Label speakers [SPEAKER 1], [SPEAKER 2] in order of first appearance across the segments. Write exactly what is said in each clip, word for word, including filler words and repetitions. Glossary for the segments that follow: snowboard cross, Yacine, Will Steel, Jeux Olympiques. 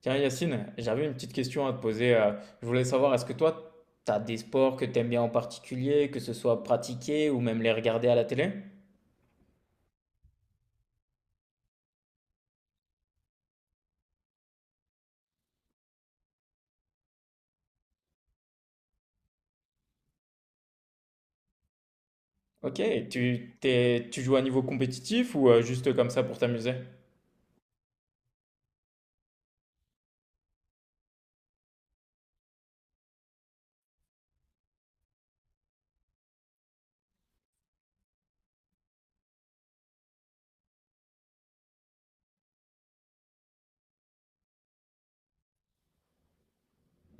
[SPEAKER 1] Tiens, Yacine, j'avais une petite question à te poser. euh, Je voulais savoir, est-ce que toi, tu as des sports que tu aimes bien en particulier, que ce soit pratiquer ou même les regarder à la télé? Ok, tu, t'es- tu joues à niveau compétitif ou euh, juste comme ça pour t'amuser?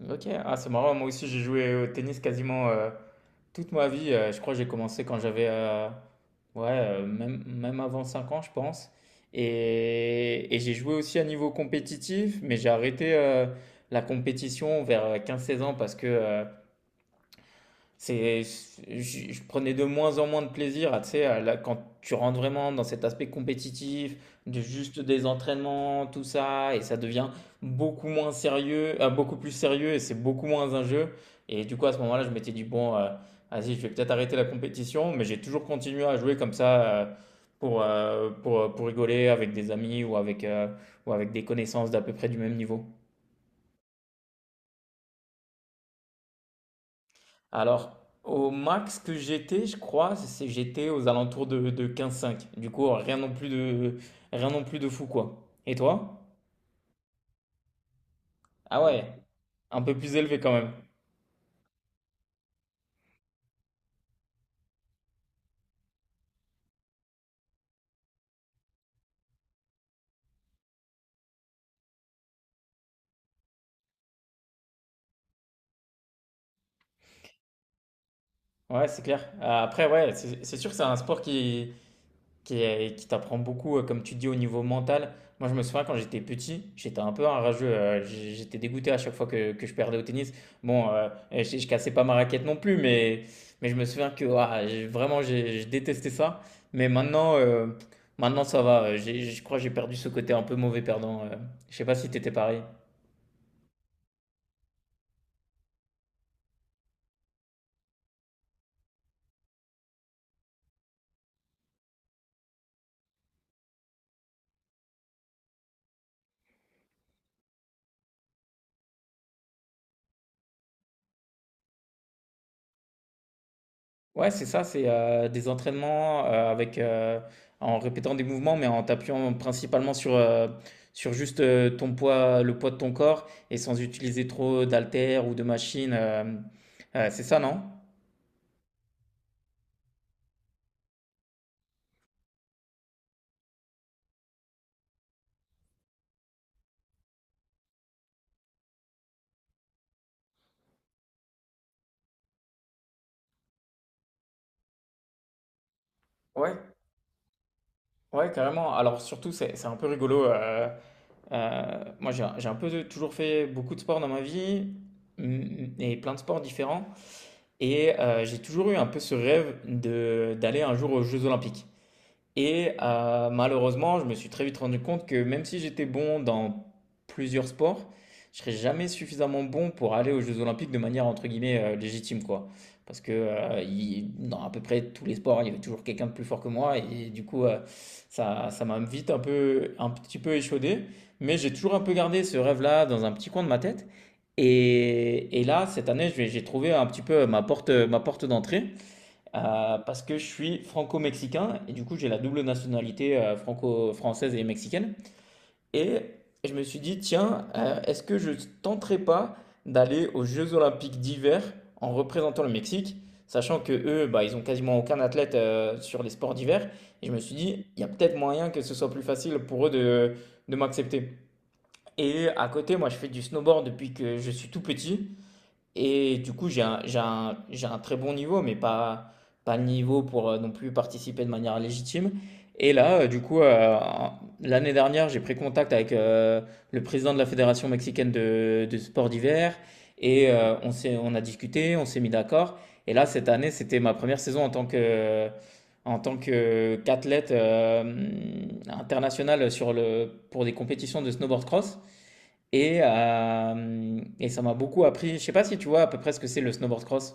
[SPEAKER 1] Ok, ah, c'est marrant, moi aussi j'ai joué au tennis quasiment euh, toute ma vie. Euh, je crois que j'ai commencé quand j'avais euh, Ouais, euh, même, même avant cinq ans, je pense. Et, et j'ai joué aussi à niveau compétitif, mais j'ai arrêté euh, la compétition vers quinze seize ans parce que euh, C'est, je, je prenais de moins en moins de plaisir à, tu sais, à la- quand tu rentres vraiment dans cet aspect compétitif, de juste des entraînements, tout ça, et ça devient beaucoup moins sérieux, euh, beaucoup plus sérieux, et c'est beaucoup moins un jeu. Et du coup, à ce moment-là, je m'étais dit, bon, euh, vas-y, je vais peut-être arrêter la compétition, mais j'ai toujours continué à jouer comme ça, euh, pour, euh, pour, pour rigoler avec des amis ou avec, euh, ou avec des connaissances d'à peu près du même niveau. Alors, au max que j'étais, je crois, c'est j'étais aux alentours de, de quinze cinq. Du coup, rien non plus de, rien non plus de fou, quoi. Et toi? Ah ouais, un peu plus élevé quand même. Ouais, c'est clair. Euh, Après, ouais, c'est c'est sûr que c'est un sport qui qui, est- qui t'apprend beaucoup, euh, comme tu dis, au niveau mental. Moi, je me souviens quand j'étais petit, j'étais un peu un rageux. Euh, j- j'étais dégoûté à chaque fois que, que je perdais au tennis. Bon, euh, je, je cassais pas ma raquette non plus, mais, mais je me souviens que ouah, j'ai- vraiment, j'ai- je détestais ça. Mais maintenant, euh, maintenant ça va. J'ai- Je crois que j'ai perdu ce côté un peu mauvais perdant. euh. Je sais pas si t'étais pareil. Ouais, c'est ça, c'est, heu, des entraînements, heu, avec, heu, en répétant des mouvements, mais en t'appuyant principalement sur, heu, sur juste, heu, ton poids, le poids de ton corps et sans utiliser trop d'haltères ou de machines, hem, heu, c'est ça, non? Ouais, ouais, carrément. Alors surtout, c'est c'est un peu rigolo, heu, heu, moi, j'ai un j'ai un peu de toujours fait beaucoup de sport dans ma vie, mmh, et plein de sports différents et heu, j'ai toujours eu un peu ce rêve de d'aller un jour aux jeux olympiques. Et euh, malheureusement, je me suis très vite rendu compte que même si j'étais bon dans plusieurs sports, je serais jamais suffisamment bon pour aller aux Jeux Olympiques de manière entre guillemets euh, légitime, quoi. Parce que euh, il- dans à peu près tous les sports, il y avait toujours quelqu'un de plus fort que moi, et du coup, euh, ça, ça m'a vite un peu, un petit peu échaudé. Mais j'ai toujours un peu gardé ce rêve-là dans un petit coin de ma tête. Et, et là, cette année, je vais- j'ai trouvé un petit peu ma porte, ma porte d'entrée. Euh, parce que je suis franco-mexicain et du coup j'ai la double nationalité euh, franco-française et mexicaine. Et je me suis dit, tiens, euh, est-ce que je tenterais pas d'aller aux Jeux Olympiques d'hiver en représentant le Mexique, sachant que eux, bah, ils ont quasiment aucun athlète euh, sur les sports d'hiver. Et je me suis dit, il y a peut-être moyen que ce soit plus facile pour eux de, de m'accepter. Et à côté, moi je fais du snowboard depuis que je suis tout petit. Et du coup, j'ai un, j'ai un- j'ai un très bon niveau, mais pas, pas le niveau pour euh, non plus participer de manière légitime. Et là, euh, du coup, euh, l'année dernière, j'ai pris contact avec euh, le président de la Fédération mexicaine de, de sport d'hiver. Et euh, on s'est, on a discuté, on s'est mis d'accord. Et là, cette année, c'était ma première saison en tant que, en tant que, qu'athlète euh, international sur le, pour des compétitions de snowboard cross. Et, euh, et ça m'a beaucoup appris. Je sais pas si tu vois à peu près ce que c'est le snowboard cross.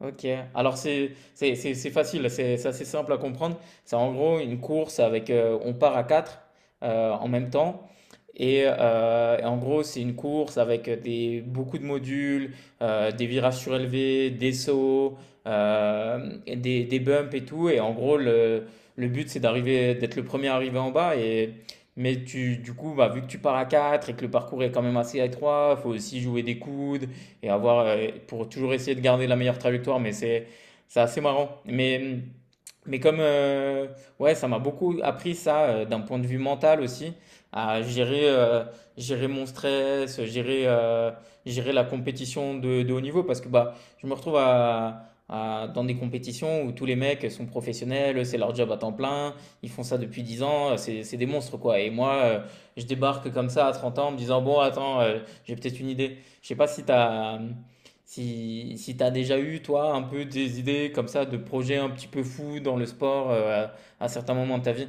[SPEAKER 1] OK. Alors c'est c'est c'est c'est facile, c'est c'est assez simple à comprendre. C'est en gros une course avec heu, on part à quatre heu, en même temps et heu, et en gros, c'est une course avec des beaucoup de modules, heu, des virages surélevés, des sauts, hem, et des des bumps et tout et en gros le le but c'est d'arriver d'être le premier arrivé en bas et mais tu du coup, bah, vu que tu pars à quatre et que le parcours est quand même assez étroit, il faut aussi jouer des coudes, et avoir euh, pour toujours essayer de garder la meilleure trajectoire. Mais c'est c'est assez marrant. Mais mais comme euh, ouais, ça m'a beaucoup appris ça euh, d'un point de vue mental aussi, à gérer, euh, gérer mon stress, gérer, euh, gérer la compétition de, de haut niveau, parce que bah, je me retrouve à, à- dans des compétitions où tous les mecs sont professionnels, c'est leur job à temps plein, ils font ça depuis dix ans, c'est c'est des monstres quoi. Et moi, euh, je débarque comme ça à trente ans en me disant, bon, attends, euh, j'ai peut-être une idée. Je sais pas si t'as si, si t'as déjà eu, toi, un peu des idées comme ça de projets un petit peu fous dans le sport euh, à, à certains moments de ta vie.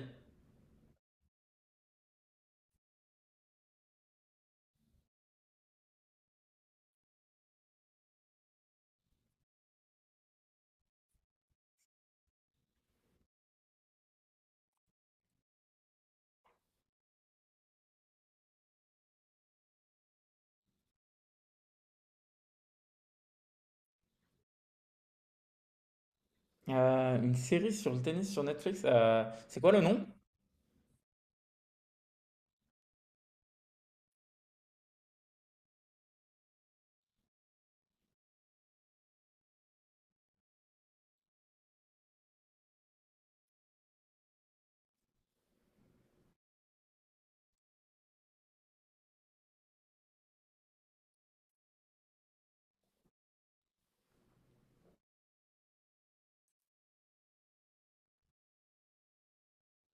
[SPEAKER 1] Euh, une série sur le tennis sur Netflix, euh, c'est quoi le nom?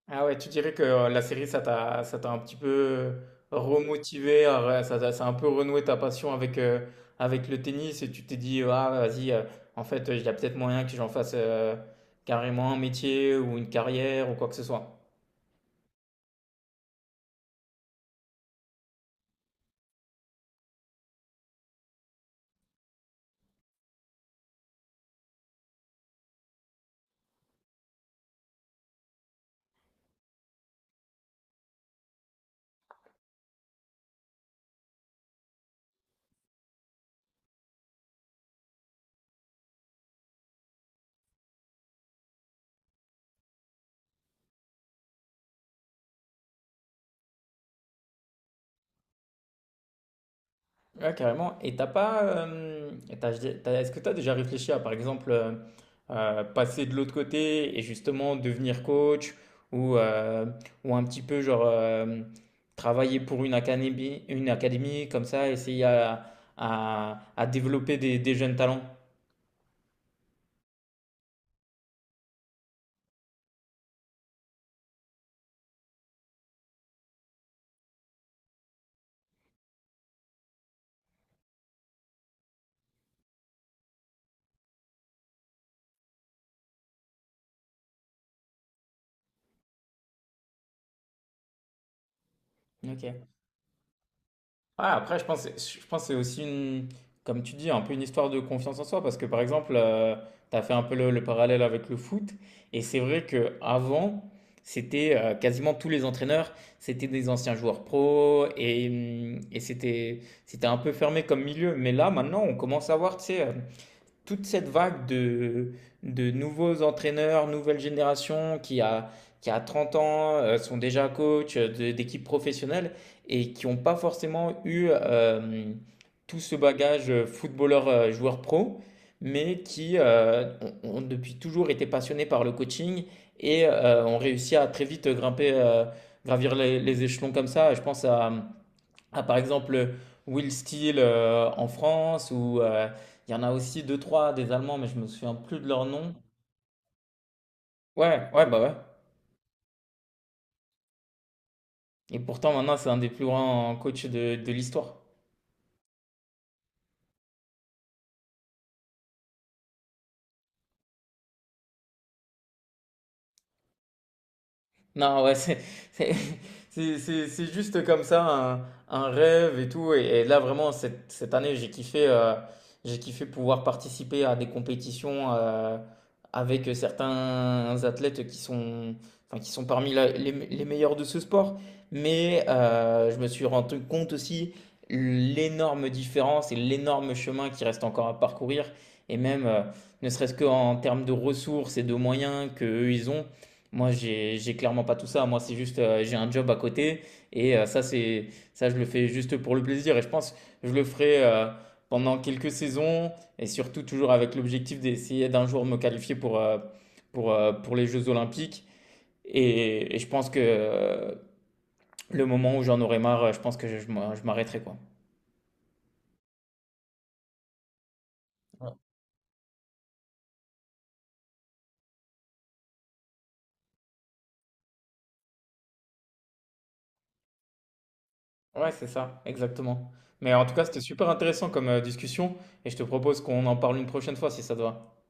[SPEAKER 1] Ah ouais, tu dirais que euh, la série, ça t'a, ça t'a un petit peu remotivé, euh, ouais, ça, t'a- ça a un peu renoué ta passion avec, euh, avec le tennis et tu t'es dit, ah vas-y, euh, en fait, il y a peut-être moyen que j'en fasse euh, carrément un métier ou une carrière ou quoi que ce soit. Ouais, carrément. Et t'as pas, euh, et t'as- t'as- Est-ce que tu as déjà réfléchi à, par exemple, euh, euh, passer de l'autre côté et justement devenir coach ou, euh, ou un petit peu genre euh, travailler pour une académie, une académie comme ça, essayer à, à, à développer des, des jeunes talents? Ok. Ouais, après, je pense, je pense que c'est aussi une, comme tu dis, un peu une histoire de confiance en soi, parce que par exemple, tu as fait un peu le, le parallèle avec le foot, et c'est vrai que avant, c'était euh, quasiment tous les entraîneurs, c'était des anciens joueurs pro, et, hum, et c'était, c'était un peu fermé comme milieu. Mais là, maintenant, on commence à voir, tu sais, euh, toute cette vague de, de nouveaux entraîneurs, nouvelle génération qui a, qui a trente ans, euh, sont déjà coach euh, d'équipes professionnelles et qui n'ont pas forcément eu euh, tout ce bagage euh, footballeur, euh, joueur pro, mais qui euh, ont, ont depuis toujours été passionnés par le coaching et euh, ont réussi à très vite grimper, euh, gravir les, les échelons comme ça. Je pense à à, par exemple Will Steel euh, en France ou euh, il y en a aussi deux trois des Allemands mais je me souviens plus de leur nom. Ouais, ouais bah ouais. Et pourtant maintenant c'est un des plus grands coachs de, de l'histoire. Non, ouais, c'est c'est- c'est- c'est- c'est juste comme ça, un, un rêve et tout. Et, et là, vraiment, cette, cette année, j'ai kiffé, euh, j'ai kiffé pouvoir participer à des compétitions euh, avec certains athlètes qui sont, enfin, qui sont parmi la- les, les meilleurs de ce sport. Mais euh, je me suis rendu compte aussi l'énorme différence et l'énorme chemin qui reste encore à parcourir. Et même, euh, ne serait-ce qu'en termes de ressources et de moyens qu'eux, ils ont. Moi, j'ai, j'ai clairement pas tout ça. Moi, c'est juste, euh, j'ai un job à côté et euh, ça, c'est, ça, je le fais juste pour le plaisir. Et je pense que je le ferai euh, pendant quelques saisons et surtout toujours avec l'objectif d'essayer d'un jour me qualifier pour, euh, pour, euh, pour les Jeux Olympiques. Et, et je pense que euh, le moment où j'en aurai marre, euh, je pense que je, je m'ar- je m'arrêterai, quoi. Ouais. Ouais, c'est ça, exactement. Mais en tout cas, c'était super intéressant comme euh, discussion et je te propose qu'on en parle une prochaine fois si ça te va.